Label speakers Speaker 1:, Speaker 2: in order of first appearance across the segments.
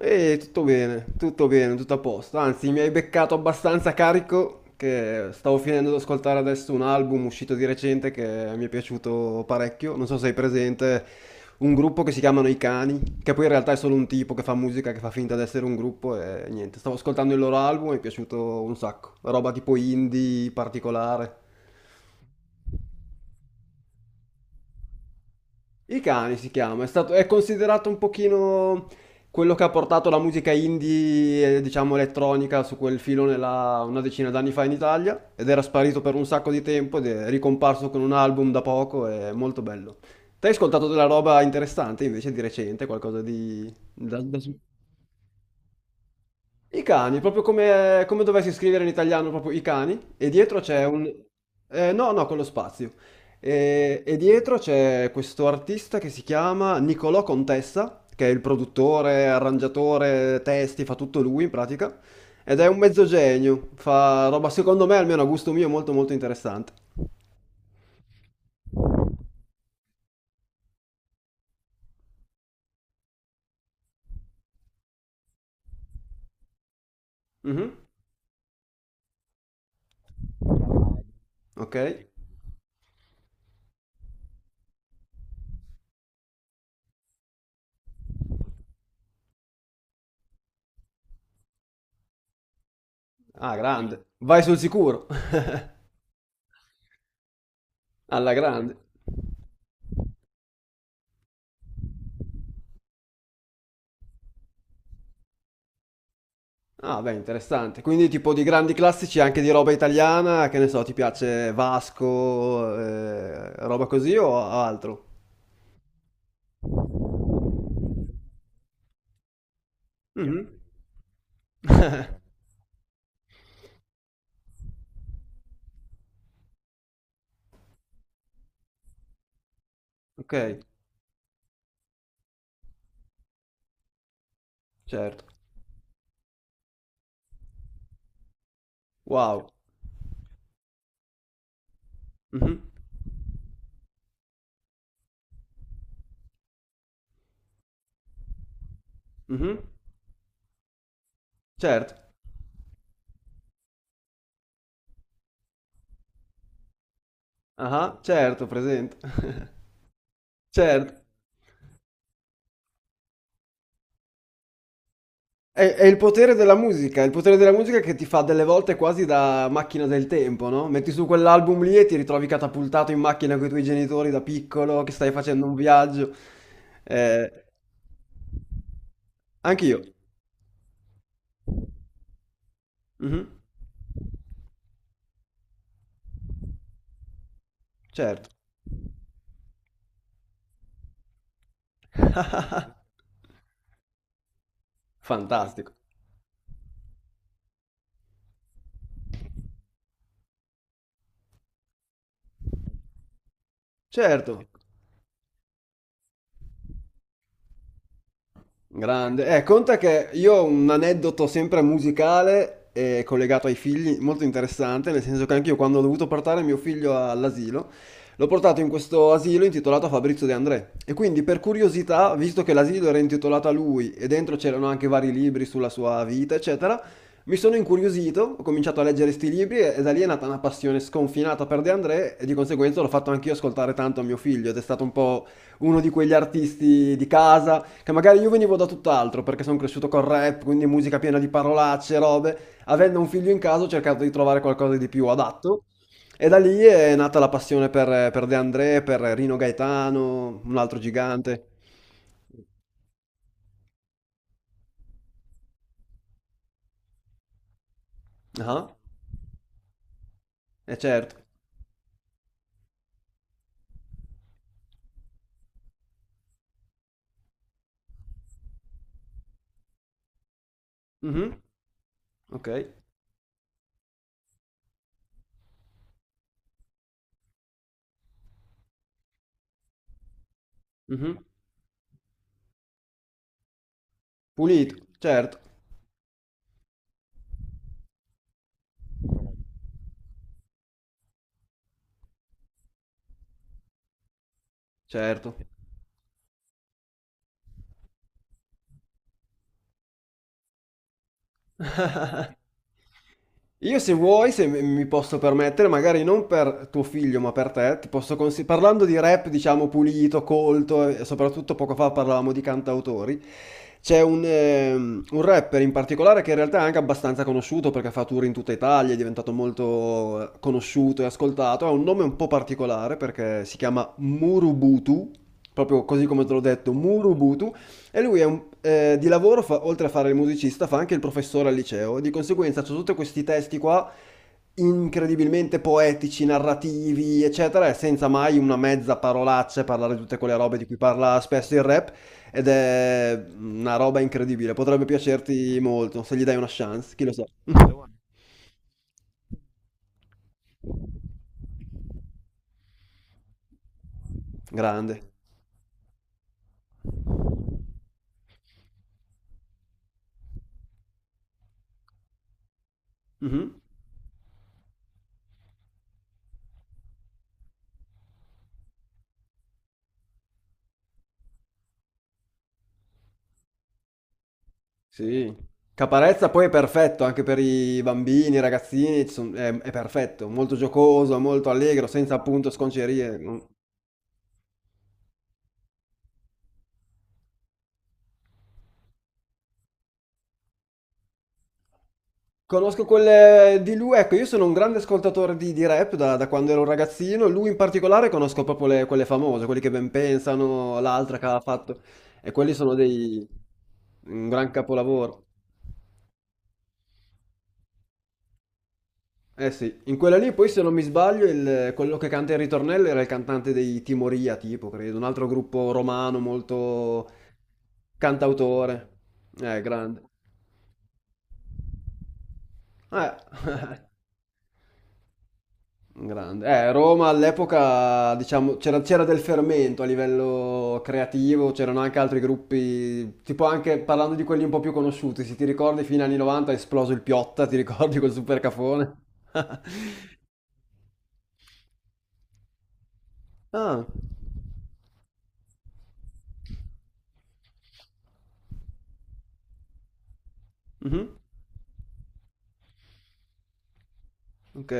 Speaker 1: E tutto bene, tutto bene, tutto a posto. Anzi, mi hai beccato abbastanza carico che stavo finendo di ascoltare adesso un album uscito di recente che mi è piaciuto parecchio. Non so se hai presente un gruppo che si chiamano I Cani, che poi in realtà è solo un tipo che fa musica, che fa finta di essere un gruppo e niente. Stavo ascoltando il loro album e mi è piaciuto un sacco. Roba tipo indie particolare. I cani si chiama, è considerato un pochino quello che ha portato la musica indie, e, diciamo elettronica, su quel filone là una decina d'anni fa in Italia ed era sparito per un sacco di tempo ed è ricomparso con un album da poco, è molto bello. Te hai ascoltato della roba interessante invece di recente, qualcosa di i cani, proprio come, come dovessi scrivere in italiano, proprio i cani, e dietro c'è un... no, no, con lo spazio. E dietro c'è questo artista che si chiama Nicolò Contessa, che è il produttore, arrangiatore, testi, fa tutto lui in pratica, ed è un mezzo genio, fa roba secondo me, almeno a gusto mio, molto molto interessante. Mhm. Ok? Ah, grande. Vai sul sicuro. Alla grande. Ah, beh, interessante. Quindi tipo di grandi classici anche di roba italiana, che ne so, ti piace Vasco, roba così o altro? Mhm. Ok, certo. Wow. Mhm. Mhm. Certo. Ah, certo, presente. Certo. È il potere della musica, è il potere della musica che ti fa delle volte quasi da macchina del tempo, no? Metti su quell'album lì e ti ritrovi catapultato in macchina con i tuoi genitori da piccolo, che stai facendo un viaggio. Eh, anch'io. Mhm, certo. Fantastico. Certo. Grande. Conta che io ho un aneddoto sempre musicale e collegato ai figli, molto interessante, nel senso che anch'io quando ho dovuto portare mio figlio all'asilo, l'ho portato in questo asilo intitolato a Fabrizio De André. E quindi per curiosità, visto che l'asilo era intitolato a lui e dentro c'erano anche vari libri sulla sua vita, eccetera, mi sono incuriosito, ho cominciato a leggere sti libri e da lì è nata una passione sconfinata per De André e di conseguenza l'ho fatto anch'io ascoltare tanto a mio figlio ed è stato un po' uno di quegli artisti di casa che magari io venivo da tutt'altro perché sono cresciuto col rap, quindi musica piena di parolacce, robe. Avendo un figlio in casa ho cercato di trovare qualcosa di più adatto e da lì è nata la passione per De André, per Rino Gaetano, un altro gigante. Ah, eh certo. Mhm. Ok. Mhm. Pulito, certo, certo. Io se vuoi, se mi posso permettere, magari non per tuo figlio, ma per te, ti posso consi- parlando di rap, diciamo, pulito, colto, e soprattutto poco fa parlavamo di cantautori, c'è un rapper in particolare che in realtà è anche abbastanza conosciuto perché fa tour in tutta Italia, è diventato molto conosciuto e ascoltato, ha un nome un po' particolare perché si chiama Murubutu, proprio così come te l'ho detto, Murubutu, e lui è di lavoro, fa- oltre a fare il musicista, fa anche il professore al liceo. Di conseguenza, c'è tutti questi testi qua incredibilmente poetici, narrativi, eccetera, e senza mai una mezza parolaccia e parlare di tutte quelle robe di cui parla spesso il rap. Ed è una roba incredibile. Potrebbe piacerti molto se gli dai una chance, chi lo sa. Devo- Grande. Mhm. Sì. Caparezza poi è perfetto anche per i bambini, i ragazzini, ci son- è perfetto, molto giocoso, molto allegro, senza appunto sconcerie. Mm. Conosco quelle di lui, ecco, io sono un grande ascoltatore di rap da, da quando ero un ragazzino, lui in particolare conosco proprio le- quelle famose, quelli che ben pensano, l'altra che ha fatto, e quelli sono dei... un gran capolavoro. Eh sì, in quella lì poi se non mi sbaglio il- quello che canta il ritornello era il cantante dei Timoria, tipo, credo, un altro gruppo romano molto cantautore. Grande. Eh, grande. Roma all'epoca, diciamo, c'era del fermento a livello creativo, c'erano anche altri gruppi, tipo anche parlando di quelli un po' più conosciuti, se ti ricordi fino agli anni 90 è esploso il Piotta, ti ricordi quel super cafone? Ah, mhm, ok.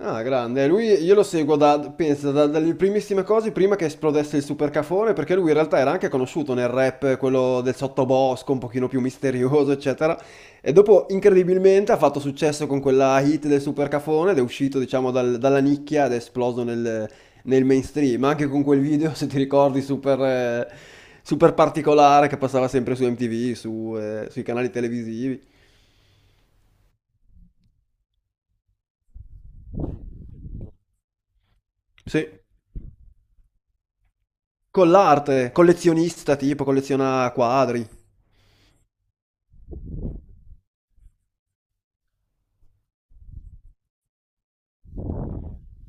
Speaker 1: Ah, grande. Lui, io lo seguo da, pensa, da- dalle primissime cose, prima che esplodesse il supercafone, perché lui in realtà era anche conosciuto nel rap, quello del sottobosco, un pochino più misterioso, eccetera. E dopo, incredibilmente, ha fatto successo con quella hit del supercafone ed è uscito, diciamo, dal- dalla nicchia ed è esploso nel, nel mainstream. Anche con quel video, se ti ricordi, super, super particolare che passava sempre su MTV, su, sui canali televisivi. Sì. Con l'arte, collezionista, tipo, colleziona quadri.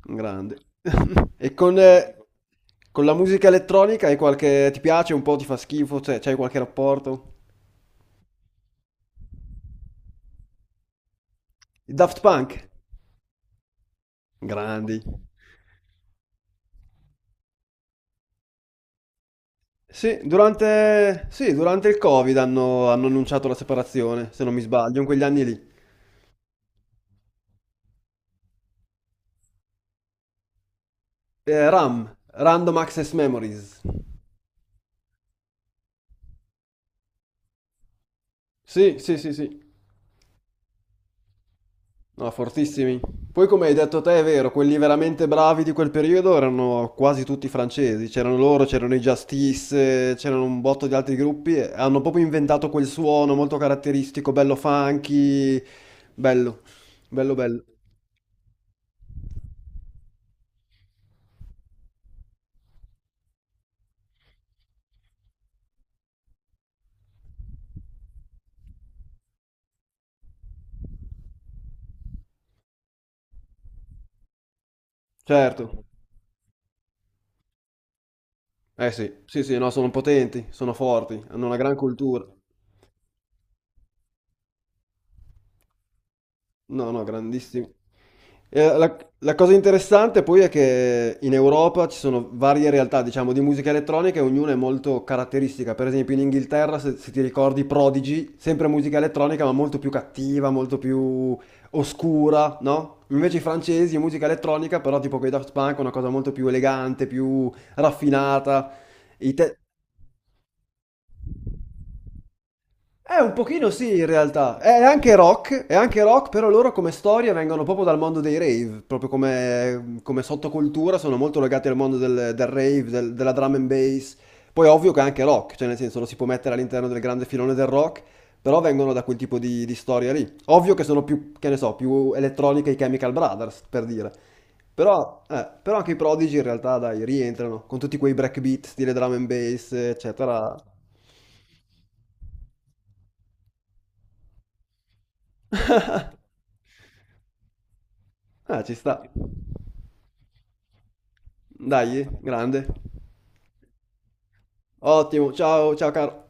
Speaker 1: Grande. E con la musica elettronica hai qualche... ti piace un po', ti fa schifo, cioè c'hai qualche rapporto? I Daft Punk? Grandi. Sì, durante il Covid hanno, hanno annunciato la separazione, se non mi sbaglio, in quegli anni lì. RAM, Random Access Memories. Sì, sì, sì, sì. No, fortissimi. Poi come hai detto te è vero, quelli veramente bravi di quel periodo erano quasi tutti francesi, c'erano loro, c'erano i Justice, c'erano un botto di altri gruppi, e hanno proprio inventato quel suono molto caratteristico, bello funky, bello, bello bello. Certo, eh sì, sì sì, no, sono potenti, sono forti, hanno una gran cultura. No, no, grandissimi. Eh, La, la cosa interessante poi è che in Europa ci sono varie realtà, diciamo, di musica elettronica e ognuna è molto caratteristica. Per esempio in Inghilterra, se, se ti ricordi, Prodigy, sempre musica elettronica, ma molto più cattiva, molto più oscura, no? Invece i francesi, musica elettronica, però tipo con i Daft Punk, una cosa molto più elegante, più raffinata. I te- un pochino sì, in realtà. È anche rock, però loro come storia vengono proprio dal mondo dei rave, proprio come, come sottocultura sono molto legati al mondo del, del rave, del- della drum and bass. Poi è ovvio che è anche rock, cioè nel senso lo si può mettere all'interno del grande filone del rock, però vengono da quel tipo di storia lì. Ovvio che sono più, che ne so, più elettroniche i Chemical Brothers, per dire. Però, però anche i Prodigy in realtà, dai, rientrano, con tutti quei breakbeat, stile drum and bass, eccetera. Ah, ci sta. Dai, grande. Ottimo, ciao, ciao caro.